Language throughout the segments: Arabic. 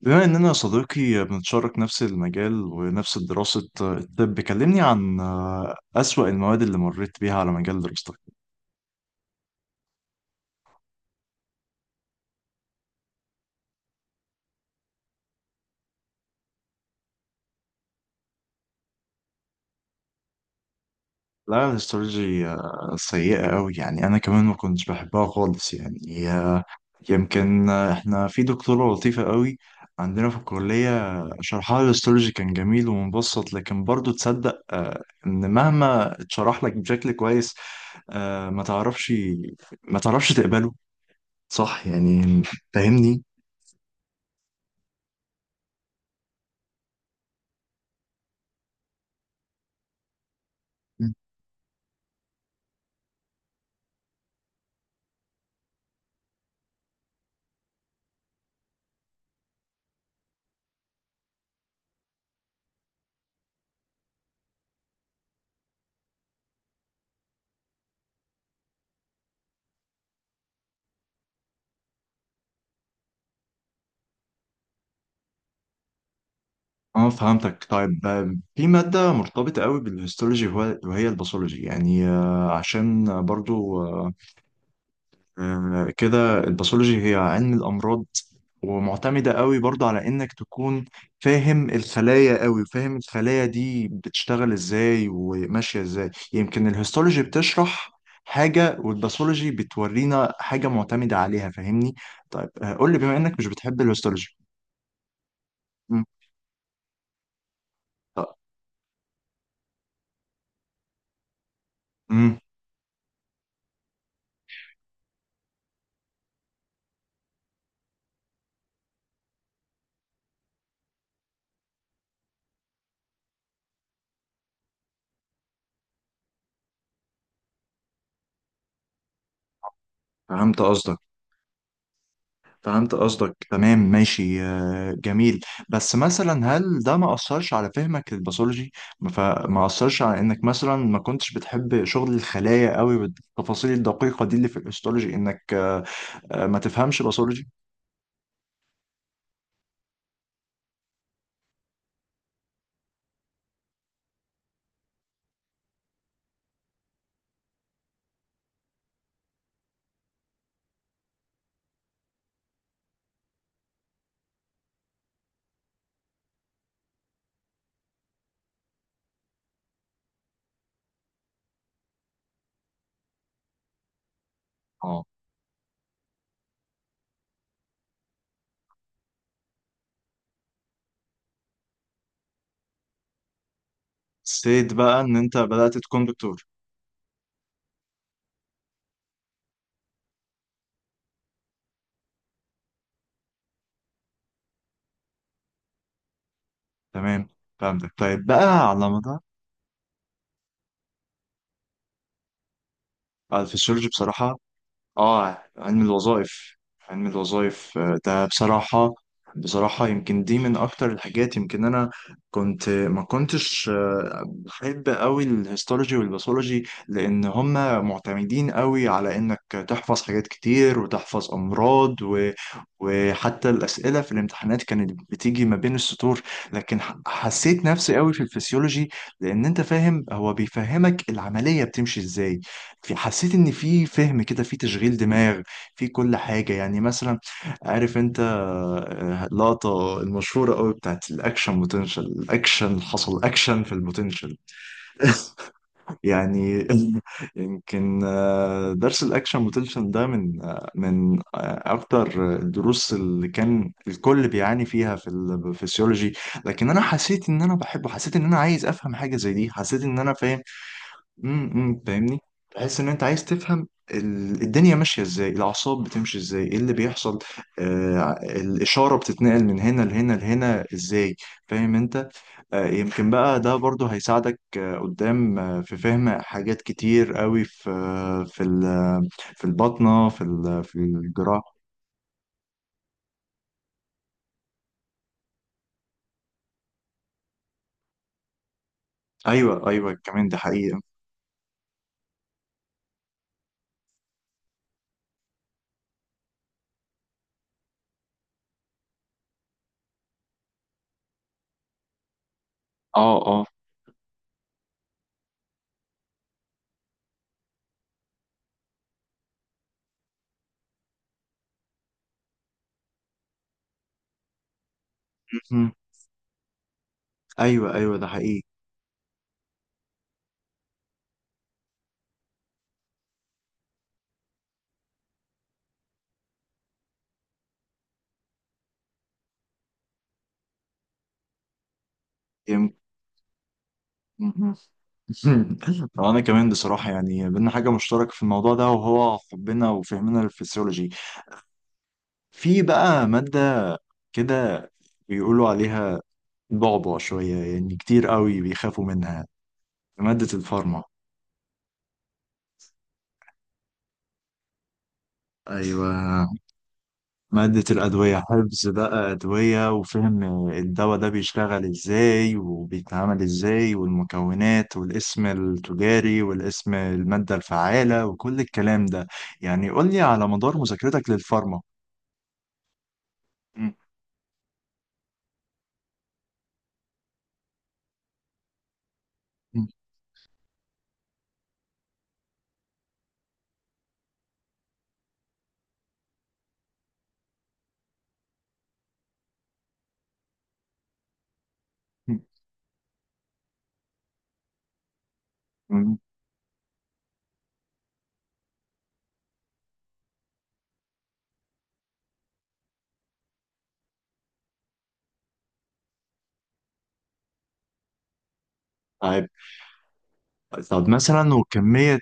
بما إننا يا صديقي بنتشارك نفس المجال ونفس دراسة الطب، كلمني عن أسوأ المواد اللي مريت بيها على مجال دراستك. لا، الهيستولوجي سيئة أوي، يعني أنا كمان ما كنتش بحبها خالص، يعني يمكن إحنا في دكتورة لطيفة أوي عندنا في الكلية. شرحها الهيستولوجي كان جميل ومبسط، لكن برضو تصدق إن مهما اتشرح لك بشكل كويس، آه، ما تعرفش ما تعرفش تقبله، صح يعني، فاهمني. اه، فهمتك. طيب في مادة مرتبطة قوي بالهيستولوجي وهي الباثولوجي، يعني عشان برضو كده، الباثولوجي هي علم الأمراض، ومعتمدة قوي برضو على إنك تكون فاهم الخلايا قوي، فاهم الخلايا دي بتشتغل إزاي وماشية إزاي. يمكن الهيستولوجي بتشرح حاجة والباثولوجي بتورينا حاجة معتمدة عليها، فاهمني. طيب قول لي، بما إنك مش بتحب الهيستولوجي. مم. طب- مم. فهمت قصدك، فهمت قصدك تمام، ماشي جميل. بس مثلا هل ده ما أثرش على فهمك للباثولوجي؟ فما أثرش على إنك مثلا ما كنتش بتحب شغل الخلايا قوي والتفاصيل الدقيقة دي اللي في الهيستولوجي، إنك ما تفهمش باثولوجي. اه، سيد بقى إن أنت بدأت تكون دكتور. تمام، فهمتك. طيب بقى على مدار في الفسيولوجي. بصراحة اه، علم الوظائف، علم الوظائف ده بصراحة، بصراحة يمكن دي من أكتر الحاجات. يمكن أنا ما كنتش بحب أوي الهيستولوجي والباثولوجي، لأن هما معتمدين أوي على إنك تحفظ حاجات كتير وتحفظ أمراض و... وحتى الأسئلة في الامتحانات كانت بتيجي ما بين السطور. لكن حسيت نفسي أوي في الفسيولوجي، لأن أنت فاهم، هو بيفهمك العملية بتمشي إزاي. في حسيت ان في فهم كده، في تشغيل دماغ في كل حاجه. يعني مثلا عارف انت اللقطه المشهوره قوي بتاعت الاكشن بوتنشال، الاكشن، حصل اكشن في البوتنشال. يعني يمكن درس الاكشن بوتنشال ده من اكتر الدروس اللي كان الكل بيعاني فيها في الفسيولوجي. لكن انا حسيت ان انا بحبه، حسيت ان انا عايز افهم حاجه زي دي، حسيت ان انا فاهم. فاهمني. تحس ان انت عايز تفهم الدنيا ماشيه ازاي، الاعصاب بتمشي ازاي، ايه اللي بيحصل. الاشاره بتتنقل من هنا لهنا لهنا ازاي، فاهم انت. يمكن بقى ده برضو هيساعدك قدام في فهم حاجات كتير قوي، في في البطنه، في الجراحه. ايوه ايوه، كمان ده حقيقه. اه اه، مهم. ايوه ايوه، ده حقيقي. يمكن انا كمان بصراحه يعني بينا حاجه مشتركه في الموضوع ده، وهو حبنا وفهمنا للفسيولوجي. في بقى ماده كده بيقولوا عليها بعبع شويه، يعني كتير قوي بيخافوا منها: ماده الفارما. ايوه، ماده الادويه، حفظ بقى ادويه، وفهم الدواء ده بيشتغل ازاي وبيتعامل ازاي، والمكونات والاسم التجاري والاسم الماده الفعاله وكل الكلام ده. يعني قول لي على مدار مذاكرتك للفارما. مم. طيب. مثلا وكمية.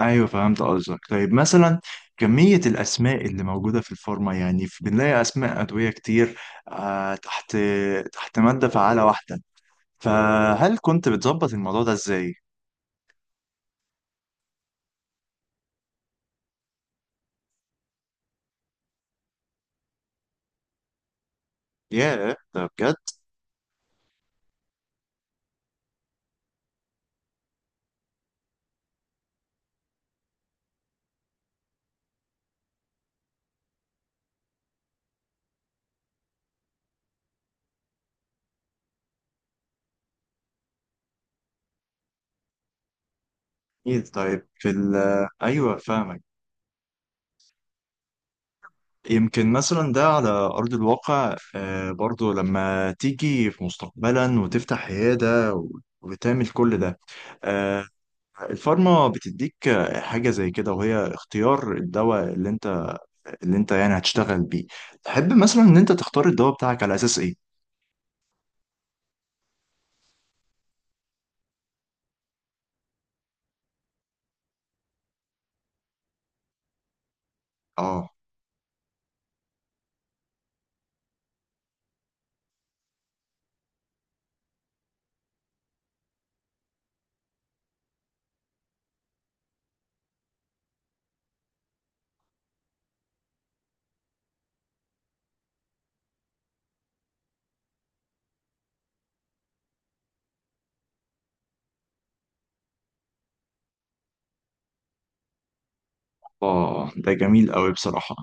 أيوه، فهمت قصدك. طيب مثلا كمية الأسماء اللي موجودة في الفورمة، يعني بنلاقي أسماء أدوية كتير آه تحت تحت مادة فعالة واحدة، فهل كنت بتظبط الموضوع ده إزاي؟ ياه، ده بجد. إيه؟ طيب في ال أيوه، فاهمك. يمكن مثلا ده على أرض الواقع برضو لما تيجي في مستقبلا وتفتح عيادة وتعمل كل ده، آه، الفارما بتديك حاجة زي كده، وهي اختيار الدواء اللي انت، يعني هتشتغل بيه. تحب مثلا ان انت تختار الدواء بتاعك على اساس ايه؟ اه اه، ده جميل قوي بصراحة.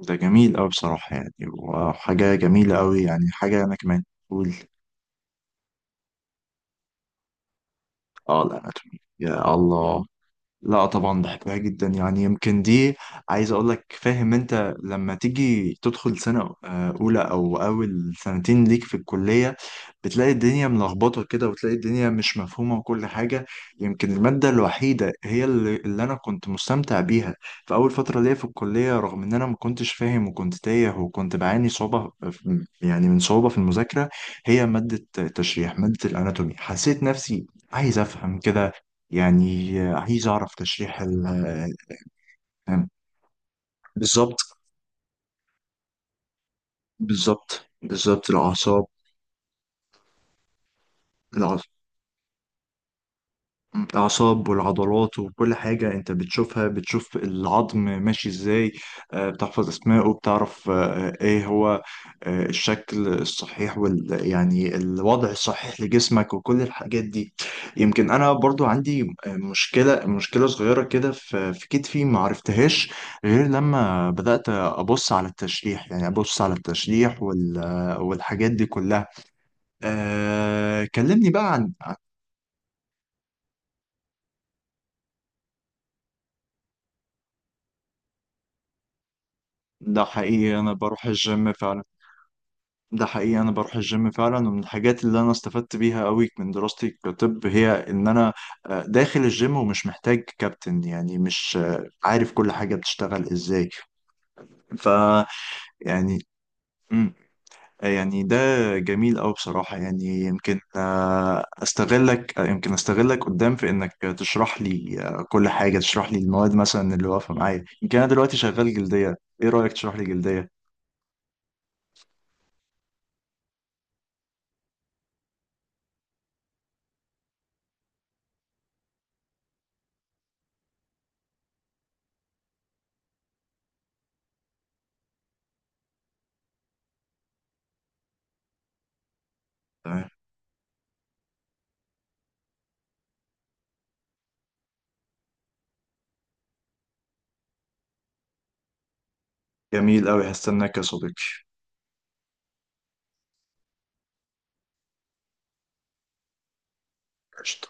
ده جميل قوي بصراحة، يعني وحاجة جميلة قوي، يعني حاجة انا كمان. قول. اه، الاناتومي، يا الله. لا طبعا بحبها جدا، يعني يمكن دي، عايز اقول لك، فاهم انت لما تيجي تدخل سنة اولى او اول سنتين ليك في الكلية، بتلاقي الدنيا ملخبطة كده وتلاقي الدنيا مش مفهومة وكل حاجة. يمكن المادة الوحيدة هي اللي انا كنت مستمتع بيها في اول فترة ليا في الكلية، رغم ان انا ما كنتش فاهم وكنت تايه وكنت بعاني صعوبة يعني من صعوبة في المذاكرة، هي مادة التشريح، مادة الاناتومي. حسيت نفسي عايز افهم كده، يعني عايز أعرف تشريح آه، بالظبط، بالظبط بالظبط، الأعصاب. الأعصاب والعضلات وكل حاجة أنت بتشوفها، بتشوف العظم ماشي إزاي، بتحفظ أسمائه، بتعرف إيه هو الشكل الصحيح يعني الوضع الصحيح لجسمك وكل الحاجات دي. يمكن أنا برضو عندي مشكلة صغيرة كده في كتفي ما عرفتهاش، غير لما بدأت أبص على التشريح، يعني أبص على التشريح والحاجات دي كلها. أه كلمني بقى عن ده حقيقي، أنا بروح الجيم فعلا. ومن الحاجات اللي انا استفدت بيها قوي من دراستي كطب، هي ان انا داخل الجيم ومش محتاج كابتن، يعني مش عارف كل حاجة بتشتغل ازاي. ف يعني مم، يعني ده جميل قوي بصراحة، يعني يمكن استغلك قدام في انك تشرح لي كل حاجة، تشرح لي المواد مثلا اللي واقفة معايا. يمكن انا دلوقتي شغال جلدية، ايه رأيك تشرح لي جلدية؟ تمام، جميل قوي، هستناك يا صديقي. قشطة.